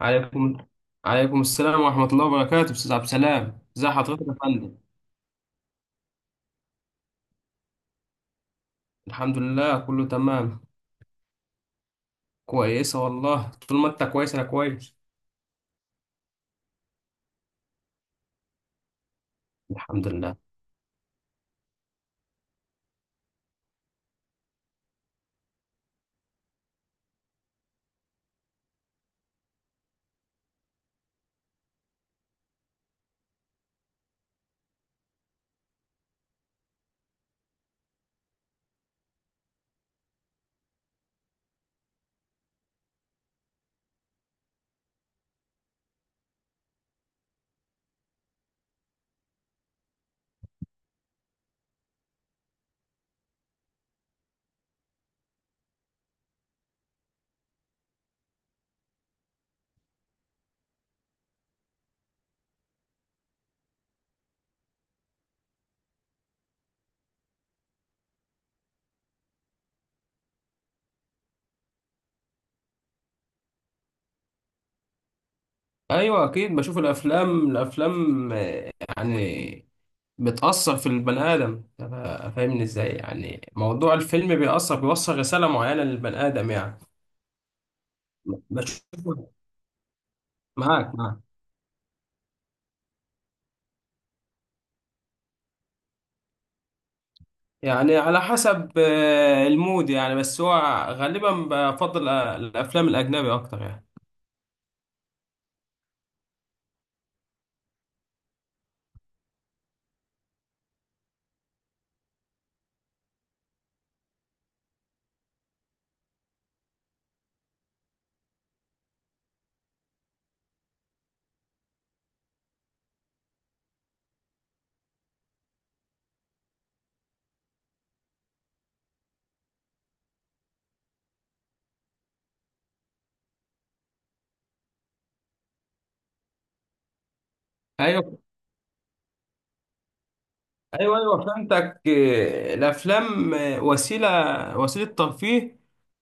عليكم عليكم السلام ورحمة الله وبركاته أستاذ عبد السلام، إزي حضرتك يا فندم؟ الحمد لله كله تمام. كويسة والله، طول ما أنت كويس أنا كويس، الحمد لله. أيوة أكيد بشوف الأفلام. الأفلام يعني بتأثر في البني آدم. طب فاهمني إزاي؟ يعني موضوع الفيلم بيأثر، بيوصل رسالة معينة للبني آدم يعني. بشوفه، معاك معاك. يعني على حسب المود يعني، بس هو غالبا بفضل الأفلام الأجنبي أكتر يعني. ايوه ايوه ايوه فهمتك إيه، الافلام وسيله ترفيه،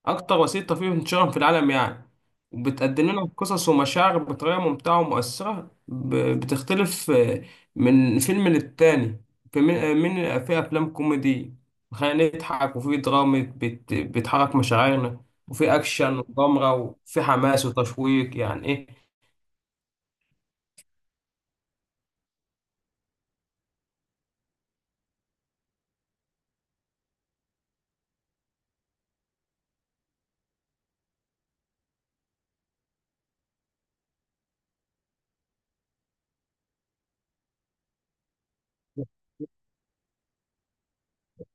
اكتر وسيله ترفيه انتشارا في العالم يعني. وبتقدم لنا قصص ومشاعر بطريقه ممتعه ومؤثره، بتختلف من فيلم للتاني. في في افلام كوميدي خلينا نضحك، وفي دراما بتحرك مشاعرنا، وفي اكشن وغامره، وفي حماس وتشويق يعني.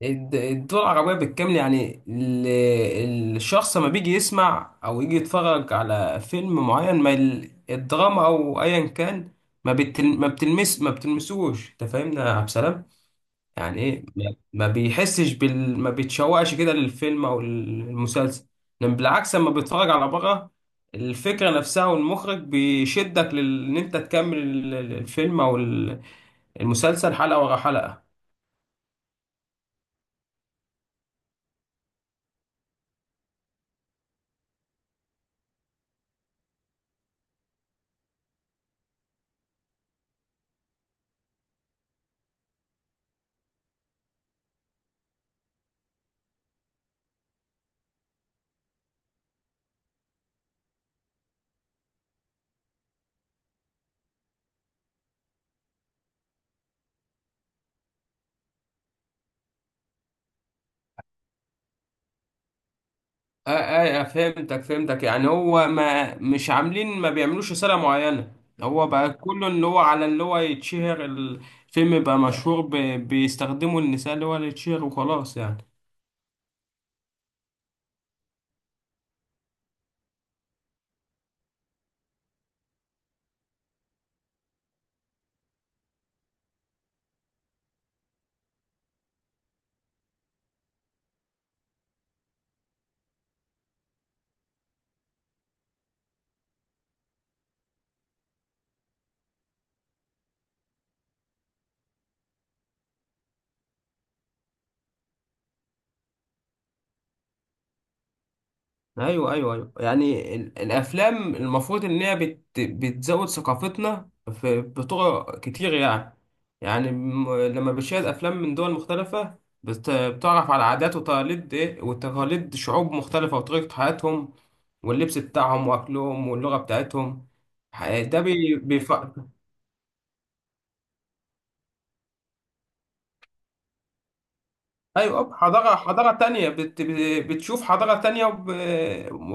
الدول العربية بالكامل، يعني الشخص لما بيجي يسمع أو يجي يتفرج على فيلم معين، ما الدراما أو أيا كان ما بتلمس ما بتلمسوش، أنت فاهمنا يا عبد السلام؟ يعني إيه، ما بيحسش بال، ما بيتشوقش كده للفيلم أو المسلسل. لأن بالعكس، لما بيتفرج على بره، الفكرة نفسها والمخرج بيشدك إن أنت تكمل الفيلم أو المسلسل حلقة ورا حلقة. فهمتك فهمتك، يعني هو ما مش عاملين، ما بيعملوش رسالة معينة. هو بقى كله اللي هو، على اللي هو يتشهر الفيلم، بقى مشهور، بيستخدموا النساء اللي هو اللي يتشهر وخلاص يعني. ايوه ايوه ايوه يعني ال- الافلام المفروض ان هي بتزود ثقافتنا في بطرق كتير يعني. يعني لما بتشاهد افلام من دول مختلفه، بتعرف على عادات وتقاليد، ايه، وتقاليد شعوب مختلفه وطريقه حياتهم واللبس بتاعهم واكلهم واللغه بتاعتهم. ح- ده بي بيف... ايوه، حضاره تانية، بتشوف حضاره تانية وب-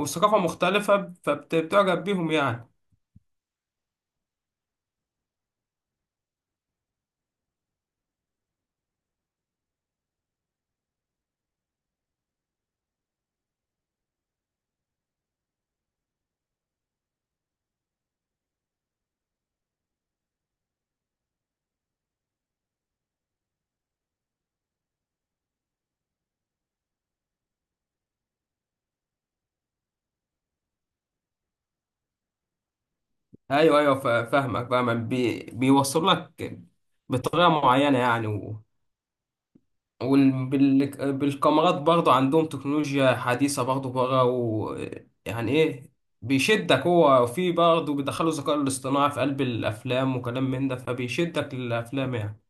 وثقافه مختلفه، فبتعجب بيهم يعني. ايوه فاهمك فاهمك، بيوصل لك بطريقه معينه يعني. و... وبالكاميرات برضه عندهم تكنولوجيا حديثه برضه بره، و... يعني ايه، بيشدك. هو في برضه بيدخلوا الذكاء الاصطناعي في قلب الافلام وكلام من ده، فبيشدك للافلام يعني.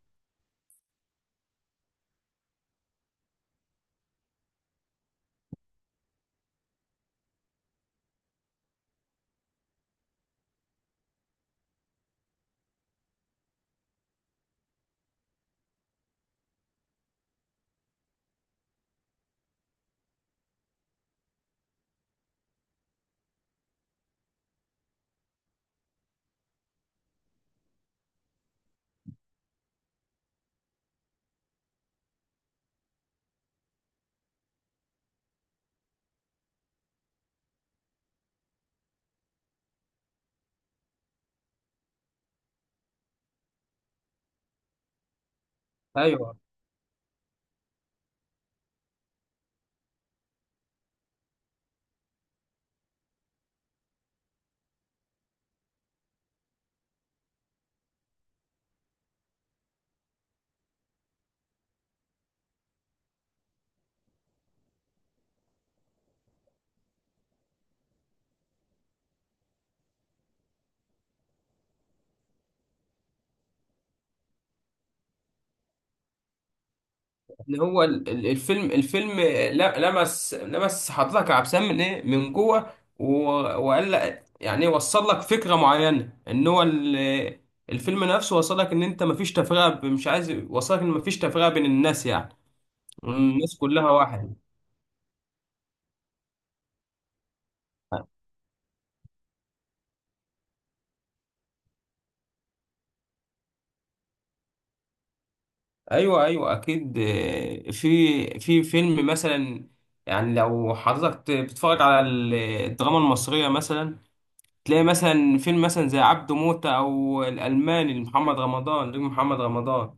ايوه. ان هو الفيلم لمس لمس حضرتك يا عبد السلام من ايه، من جوه، و- وقال لك يعني، وصل لك فكره معينه، ان هو الفيلم نفسه وصل لك ان انت مفيش تفرقه، مش عايز، وصل لك ان مفيش تفرقه بين الناس يعني، الناس كلها واحد. ايوه اكيد. في في فيلم مثلا، يعني لو حضرتك بتتفرج على الدراما المصريه مثلا، تلاقي مثلا فيلم مثلا زي عبده موتة او الالماني لمحمد رمضان، نجم محمد رمضان،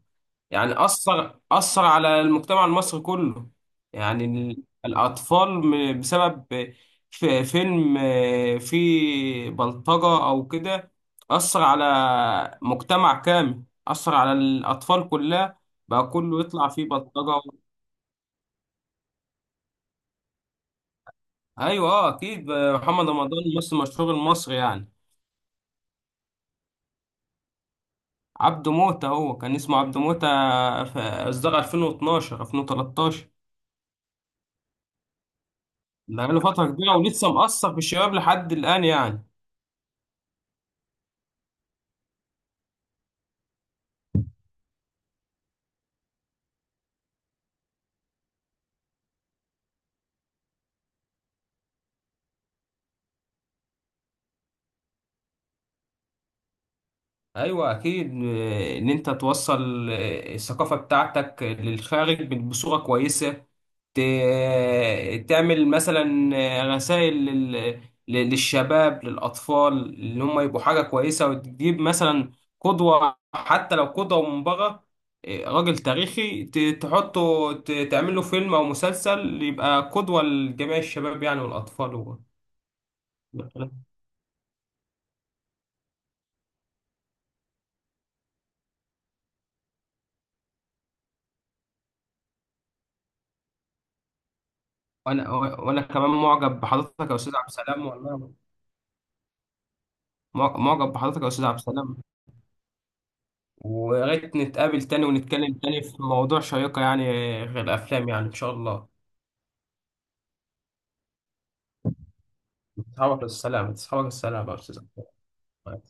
يعني اثر اثر على المجتمع المصري كله. يعني الاطفال، بسبب فيلم فيه بلطجة او كده، اثر على مجتمع كامل، اثر على الاطفال كلها، بقى كله يطلع فيه بلطجة. ايوه اه اكيد محمد رمضان ممثل مشهور المصري يعني. عبده موتة، هو كان اسمه عبده موتة، في إصدار 2012 2013. بقاله فترة كبيرة ولسه مأثر في الشباب لحد الآن يعني. ايوه اكيد. ان انت توصل الثقافه بتاعتك للخارج بصوره كويسه، تعمل مثلا رسائل للشباب للاطفال اللي هم يبقوا حاجه كويسه، وتجيب مثلا قدوه، حتى لو قدوه من بره، راجل تاريخي، تحطه، تعمل له فيلم او مسلسل، يبقى قدوه لجميع الشباب يعني، والاطفال. و- وانا وانا كمان معجب بحضرتك يا استاذ عبد السلام والله. معجب بحضرتك يا أستاذ عبد السلام، ويا ريت نتقابل تاني ونتكلم تاني في موضوع شيقة يعني، غير الأفلام يعني، إن شاء الله. تصحابك السلام، تصحابك السلام يا أستاذ عبد السلام.